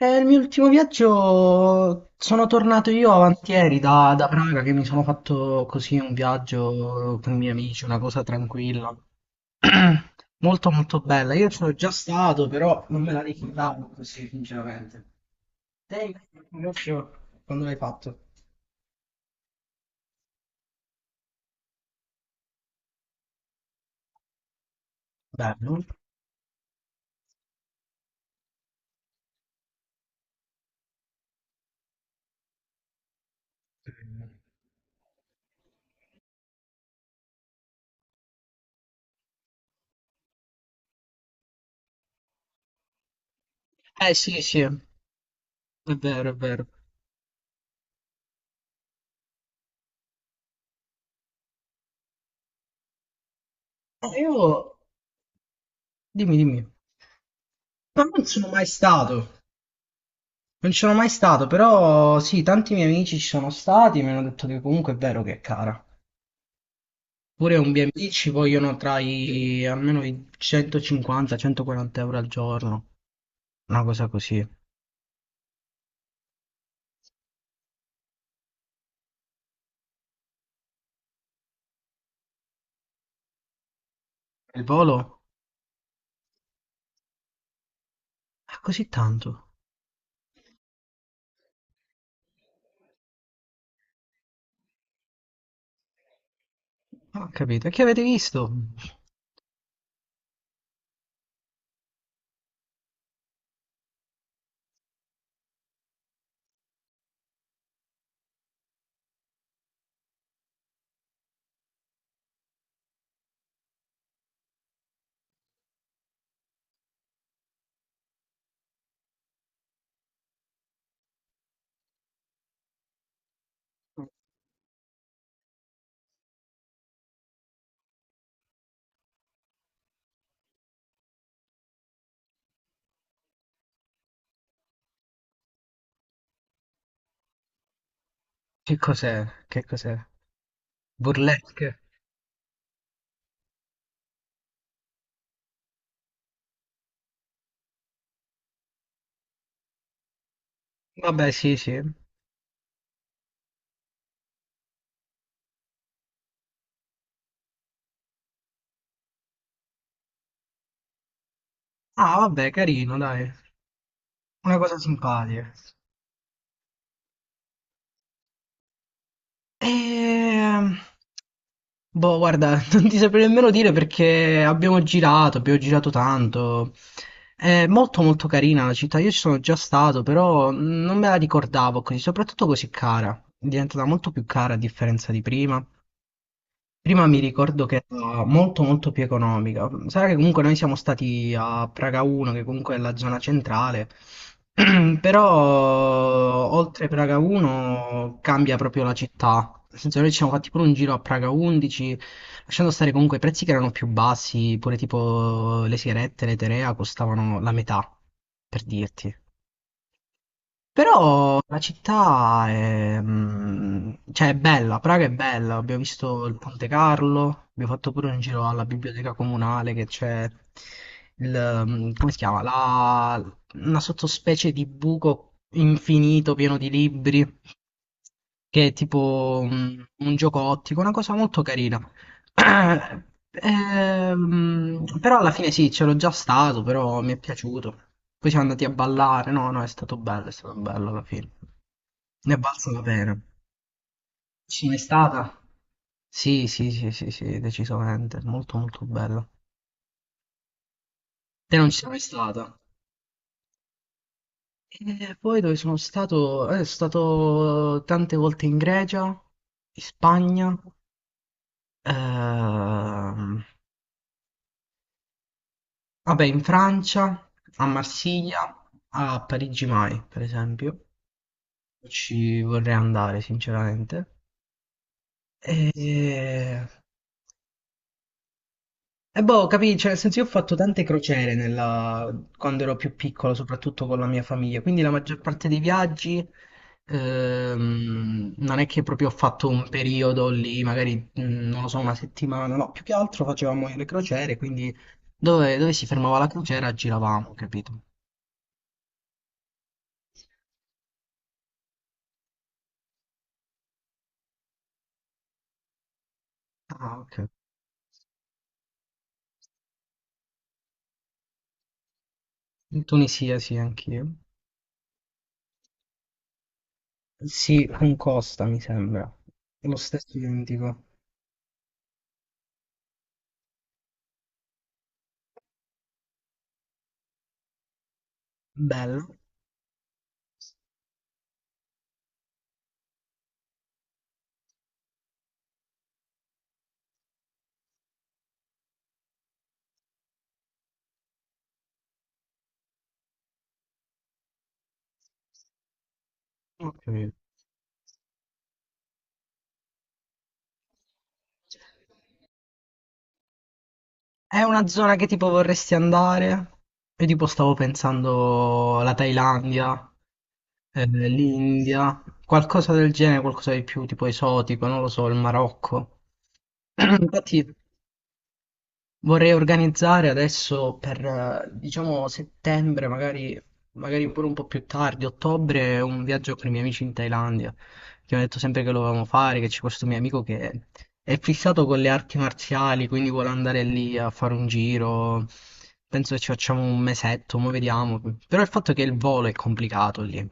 Il mio ultimo viaggio sono tornato io avanti ieri da Praga che mi sono fatto così un viaggio con i miei amici, una cosa tranquilla. Molto molto bella. Io ci sono già stato, però non me la ricordavo così, sinceramente. Te invece, il tuo viaggio, quando l'hai fatto? Bello. Eh sì, sì, è vero, è vero. Io, dimmi, dimmi. Ma non sono mai stato. Non ci sono mai stato, però sì, tanti miei amici ci sono stati e mi hanno detto che comunque è vero che è cara. Pure un B&B ci vogliono tra i almeno i 150-140 euro al giorno, una cosa così. Il volo? È così tanto. Non ho capito. E che avete visto? Che cos'è? Che cos'è? Burlesque? Vabbè, sì, sì. Ah, vabbè, carino, dai. Una cosa simpatica. Ehm, boh, guarda, non ti saprei nemmeno dire perché abbiamo girato tanto. È molto molto carina la città, io ci sono già stato, però non me la ricordavo così, soprattutto così cara. È diventata molto più cara a differenza di prima. Prima mi ricordo che era molto molto più economica. Sarà che comunque noi siamo stati a Praga 1, che comunque è la zona centrale, però oltre Praga 1 cambia proprio la città. Nel senso noi ci siamo fatti pure un giro a Praga 11, lasciando stare comunque i prezzi che erano più bassi, pure tipo le sigarette, le Terea costavano la metà, per dirti. Però la città è, cioè, è bella, Praga è bella, abbiamo visto il Ponte Carlo, abbiamo fatto pure un giro alla biblioteca comunale che c'è il, come si chiama? Una sottospecie di buco infinito pieno di libri, che è tipo un gioco ottico, una cosa molto carina. Ah, però alla fine sì, c'ero già stato, però mi è piaciuto. Poi siamo andati a ballare, no, no, è stato bello alla fine. Ne è valsa la pena. Ci sei stata? Sì, sì, sì, sì, sì, decisamente, molto molto bello. Te non ci sei mai stata? E poi dove sono stato? Sono stato tante volte in Grecia, in Spagna, ehm, Vabbè, in Francia, a Marsiglia, a Parigi mai, per esempio, ci vorrei andare, sinceramente. E, e boh, capì, cioè, nel senso io ho fatto tante crociere quando ero più piccolo, soprattutto con la mia famiglia, quindi la maggior parte dei viaggi non è che proprio ho fatto un periodo lì, magari, non lo so, una settimana, no, più che altro facevamo le crociere, quindi dove si fermava la crociera giravamo, capito? Ah, ok. In Tunisia sì, anch'io. Sì, con Costa mi sembra. Lo stesso identico. Bello. Ho capito. È una zona che tipo vorresti andare? Io tipo stavo pensando la Thailandia, l'India, qualcosa del genere, qualcosa di più tipo esotico, non lo so, il Marocco. Infatti vorrei organizzare adesso per, diciamo, settembre, magari, magari pure un po' più tardi, ottobre, un viaggio con i miei amici in Thailandia, che mi ha detto sempre che lo volevamo fare, che c'è questo mio amico che è fissato con le arti marziali, quindi vuole andare lì a fare un giro. Penso che ci facciamo un mesetto, mo vediamo. Però il fatto è che il volo è complicato lì.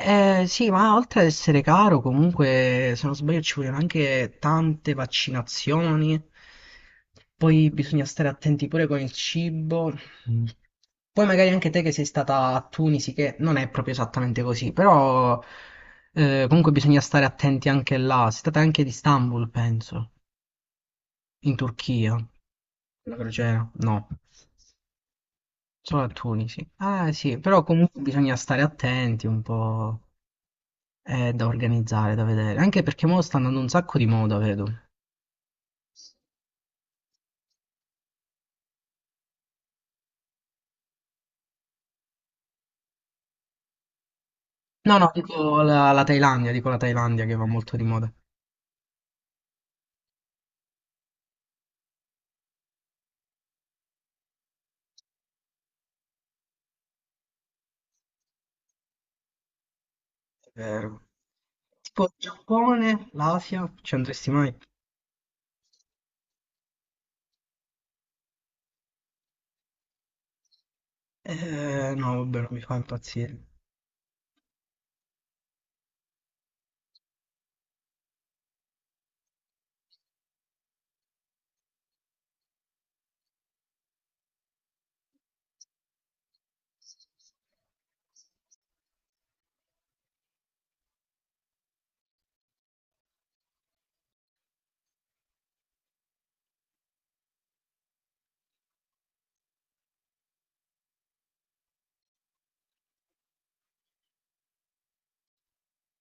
Sì, ma oltre ad essere caro, comunque, se non sbaglio, ci vogliono anche tante vaccinazioni. Poi bisogna stare attenti pure con il cibo. Mm. Poi magari anche te che sei stata a Tunisi, che non è proprio esattamente così, però comunque bisogna stare attenti anche là. Sei stata anche ad Istanbul, penso, in Turchia. La crociera? No, solo a Tunisi. Ah sì, però comunque bisogna stare attenti un po'. Da organizzare, da vedere. Anche perché mo sta andando un sacco di moda, vedo. No, no, dico la Thailandia, dico la Thailandia che va molto di moda. È vero. Tipo il Giappone, l'Asia, ci andresti mai? No, vabbè, non mi fa impazzire.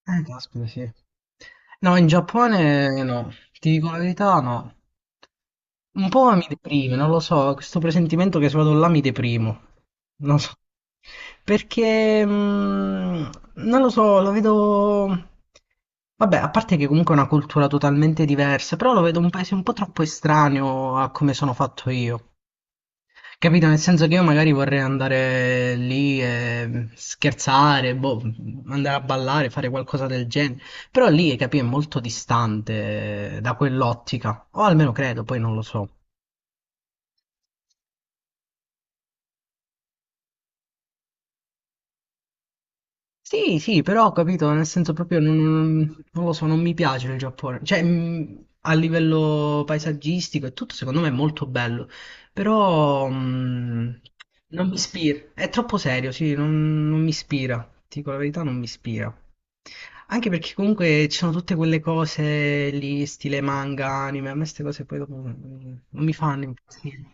Caspita, sì. No, in Giappone no, ti dico la verità, no. Un po' mi deprime, non lo so, questo presentimento che se vado là mi deprimo. Non so. Perché non lo so, lo vedo. Vabbè, a parte che comunque è una cultura totalmente diversa, però lo vedo un paese un po' troppo estraneo a come sono fatto io. Capito? Nel senso che io magari vorrei andare lì e scherzare, boh, andare a ballare, fare qualcosa del genere. Però lì, capì, è molto distante da quell'ottica. O almeno credo, poi non lo so. Sì, sì, però ho capito, nel senso proprio non lo so, non mi piace il Giappone. Cioè, a livello paesaggistico e tutto, secondo me è molto bello, però non mi ispira. È troppo serio, sì, non mi ispira. Ti dico la verità, non mi ispira. Anche perché comunque ci sono tutte quelle cose lì, stile manga, anime, a me queste cose poi dopo non mi fanno impazzire.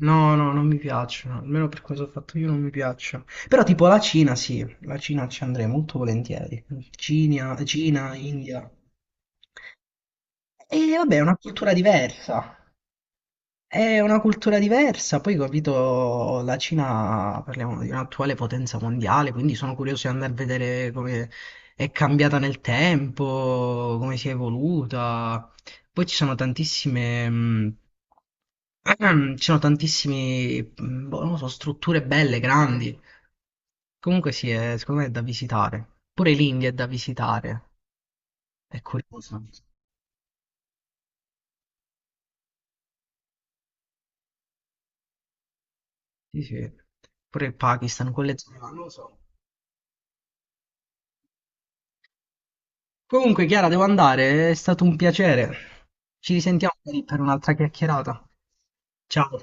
No, no, non mi piacciono, almeno per cosa ho fatto io non mi piacciono. Però tipo la Cina sì, la Cina ci andrei molto volentieri. Cina, Cina, India. E vabbè, è una cultura diversa. È una cultura diversa, poi capito, la Cina, parliamo di un'attuale potenza mondiale, quindi sono curioso di andare a vedere come è cambiata nel tempo, come si è evoluta. Poi ci sono tantissime, ci sono tantissime, boh, non lo so, strutture belle, grandi. Comunque sì, secondo me è da visitare. Pure l'India è da visitare, è curioso. Sì, sì. Pure il Pakistan, quelle zone, là, non lo so. Comunque, Chiara, devo andare, è stato un piacere. Ci risentiamo magari per un'altra chiacchierata. Ciao.